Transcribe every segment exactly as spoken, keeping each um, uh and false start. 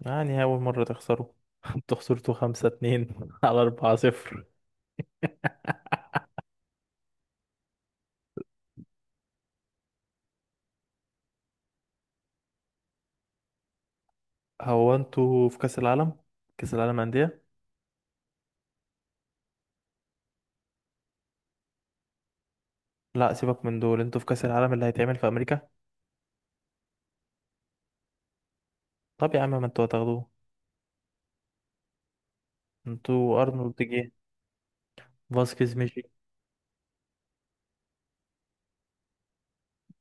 يعني أول مرة تخسروا. انتوا خسرتوا خمسة اتنين على أربعة صفر. هو انتوا في كأس العالم؟ كأس العالم أندية. لا سيبك من دول، انتوا في كأس العالم اللي هيتعمل في أمريكا. طب يا عم ما انتوا هتاخدوه. انتوا أرنولد جه. فاسكيز مشي.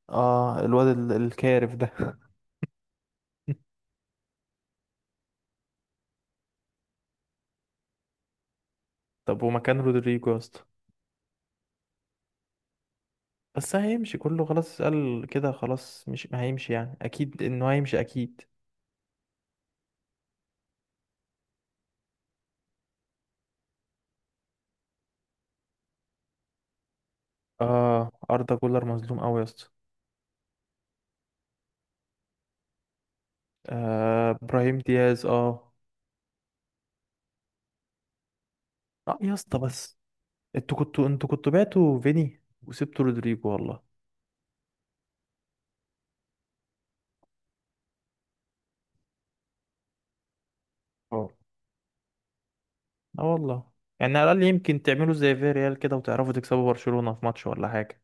اه الواد ال- الكارف ده. طب ومكان رودريجو يا اسطى؟ بس هيمشي كله خلاص قال كده خلاص مش هيمشي، يعني اكيد انه هيمشي اكيد. اه اردا جولر مظلوم قوي يا اسطى. آه ابراهيم دياز اه. اه يا اسطى بس انتوا كنتوا انتوا كنتوا بعتوا فيني وسبتوا رودريجو والله. اه اه والله. يعني على الأقل يمكن تعملوا زي فيريال كده وتعرفوا تكسبوا برشلونة في ماتش ولا حاجة.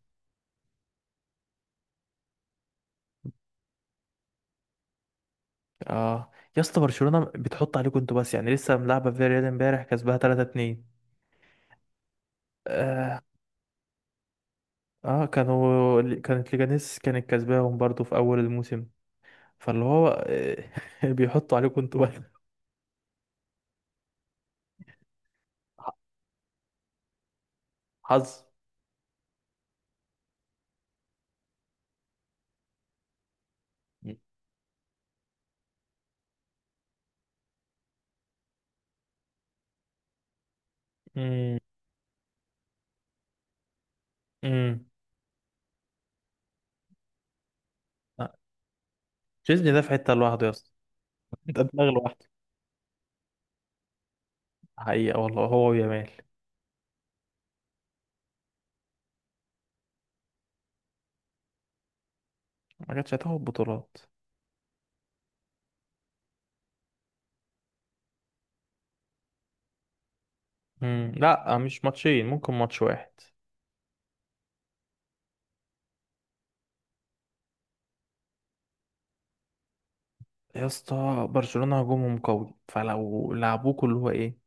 اه يا اسطى برشلونة بتحط عليكم انتوا بس، يعني لسه ملعبة فيريال امبارح كسبها ثلاثة اثنين. اه اه كانوا كانت ليجانيس كانت كسباهم برضو في أول الموسم، فاللي هو آه، بيحطوا عليكم انتوا بس. حظ. امم. امم. تشيزني ده في حتة لوحده يا اسطى. ده دماغ لوحده. حقيقة والله هو ويامال. ما كانتش هتاخد بطولات. مم. لا مش ماتشين ممكن ماتش واحد. يا اسطى برشلونة هجومهم قوي، فلو لعبوكوا اللي هو ايه،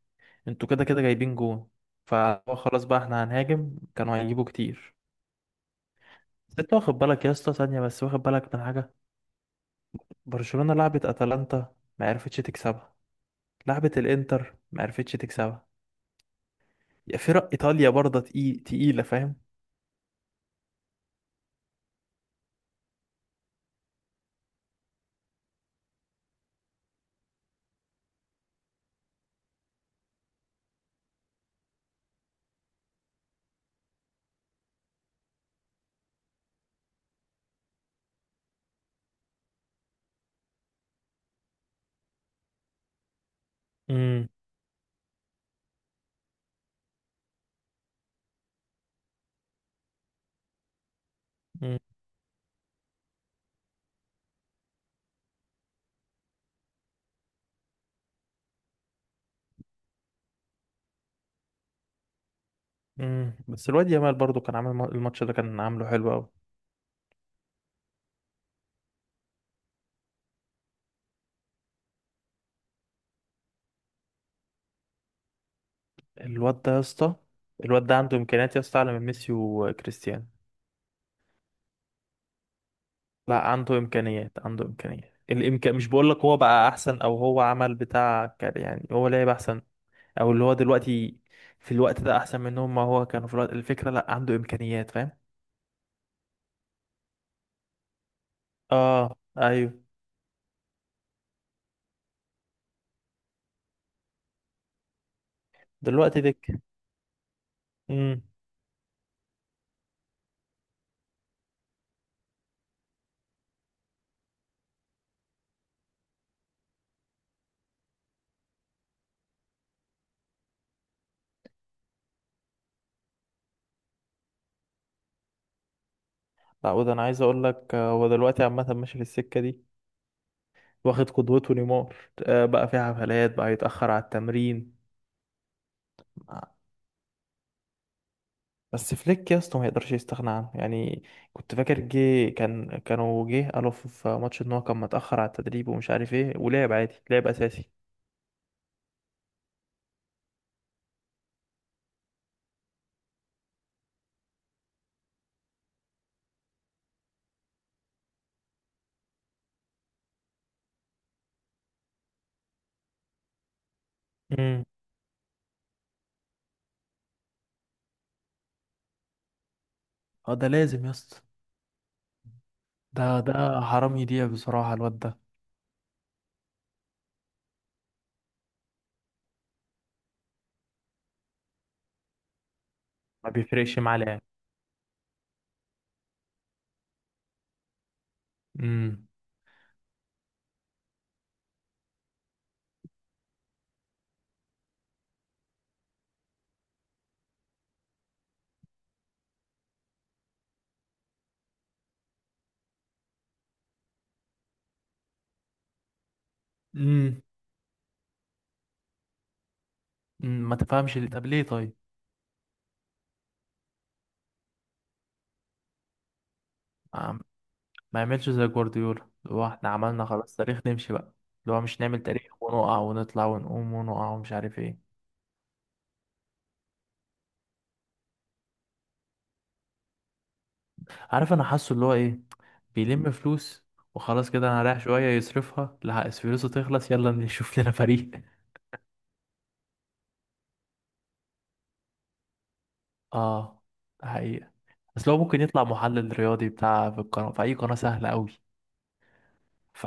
انتوا كده كده جايبين جون، فهو خلاص بقى احنا هنهاجم كانوا هيجيبوا كتير. بس انت واخد بالك يا اسطى ثانية بس، واخد بالك من حاجة؟ برشلونة لعبت اتلانتا ما عرفتش تكسبها. لعبت الانتر ما عرفتش تكسبها. يا فرق ايطاليا برضه تقيل تقيلة فاهم. امم. امم. مم. بس الواد يامال برضه كان عامل الم- الماتش ده كان عامله حلو قوي. الواد ده يا اسطى، الواد ده عنده امكانيات يا اسطى اعلى من ميسي وكريستيانو. لا عنده امكانيات عنده امكانيات الامكان، مش بقول لك هو بقى احسن او هو عمل بتاع كان- يعني هو لعب احسن، او اللي هو دلوقتي في الوقت ده احسن منهم، ما هو كانوا في الوقت الفكره لا عنده امكانيات فاهم. اه ايوه. دلوقتي دك. امم. لا وده انا عايز اقول لك آه، هو دلوقتي عامه ماشي في السكه دي. واخد قدوته نيمار. آه بقى في حفلات بقى يتاخر على التمرين. بس فليك يا اسطى ما يقدرش يستغنى عنه يعني. كنت فاكر جه كان كانوا جه قالوا في في ماتش ان هو كان متأخر على التدريب ومش عارف ايه ولعب عادي لعب اساسي. امم. اه ده لازم يا اسطى. ده ده حرام يضيع بصراحة الواد ده. ما بيفرقش معاه لعب. امم. امم. أمم، ما تفهمش اللي طب ليه طيب. عم- ما يعملش زي جوارديولا اللي هو احنا عملنا خلاص تاريخ نمشي بقى. اللي هو مش نعمل تاريخ ونقع ونطلع ونقوم ونقع ومش عارف ايه. عارف انا حاسه اللي هو ايه. بيلم فلوس. وخلاص كده انا رايح شويه يصرفها، لا فلوسه تخلص يلا نشوف لنا فريق. اه. ده حقيقة. بس لو ممكن يطلع محلل رياضي بتاع في القناه في اي قناه سهله قوي. ف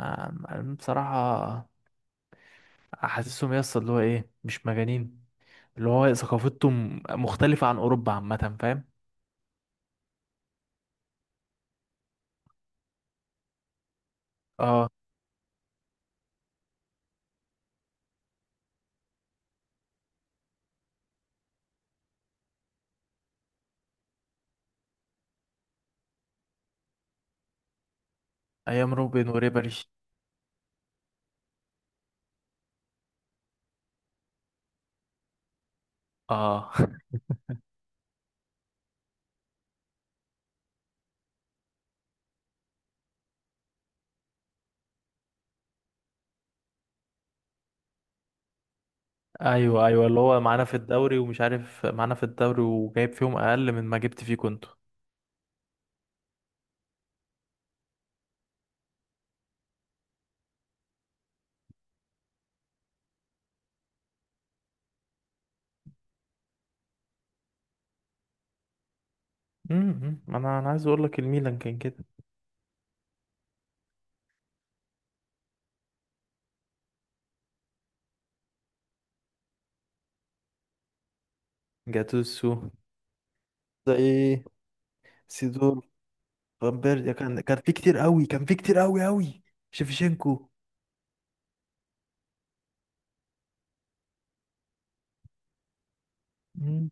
أنا بصراحه حاسسهم يس اللي هو ايه مش مجانين، اللي هو ثقافتهم مختلفه عن اوروبا عامه فاهم. اه ايام روبن وريبري. اه ايوه ايوه اللي هو معانا في الدوري ومش عارف معانا في الدوري وجايب فيهم اقل من ما جبت فيه كنت. امم، انا انا عايز اقول لك الميلان كان كده. جاتوسو. زي سيدور. فامبيرديا كان كان في كتير قوي كان في كتير قوي قوي. شيفشينكو. مم.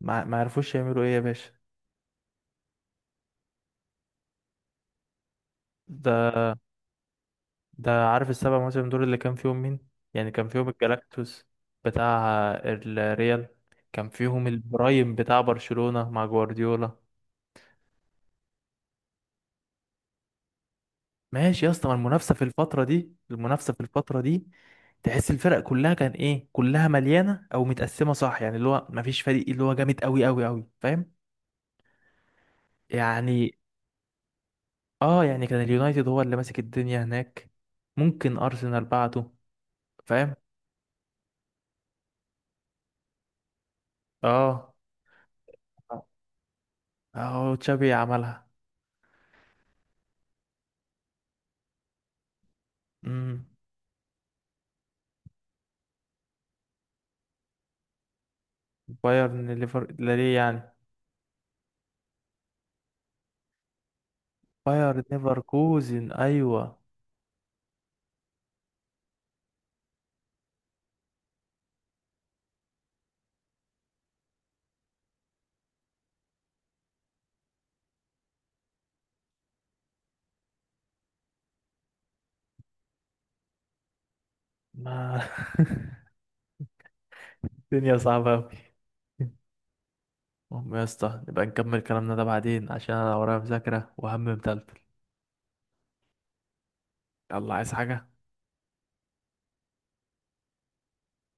ما ما عرفوش يعملوا ايه يا باشا. ده ده عارف السبع مواسم دول اللي كان فيهم مين؟ يعني كان فيهم الجلاكتوس بتاع الريال، كان فيهم البرايم بتاع برشلونة مع جوارديولا. ماشي يا اسطى، ما المنافسة في الفترة دي المنافسة في الفترة دي، تحس الفرق كلها كان ايه كلها مليانه او متقسمه صح، يعني اللي هو مفيش فريق اللي هو جامد قوي قوي قوي فاهم. يعني اه يعني كان اليونايتد هو اللي ماسك الدنيا هناك، ممكن ارسنال بعده فاهم. اه اه تشابي عملها. امم. بايرن ليفر لا ليه يعني؟ بايرن ليفركوزن ايوه. ما الدنيا صعبه قوي. المهم يا اسطى نبقى نكمل كلامنا ده بعدين عشان انا ورايا مذاكره وهم متلتل. يلا عايز حاجه؟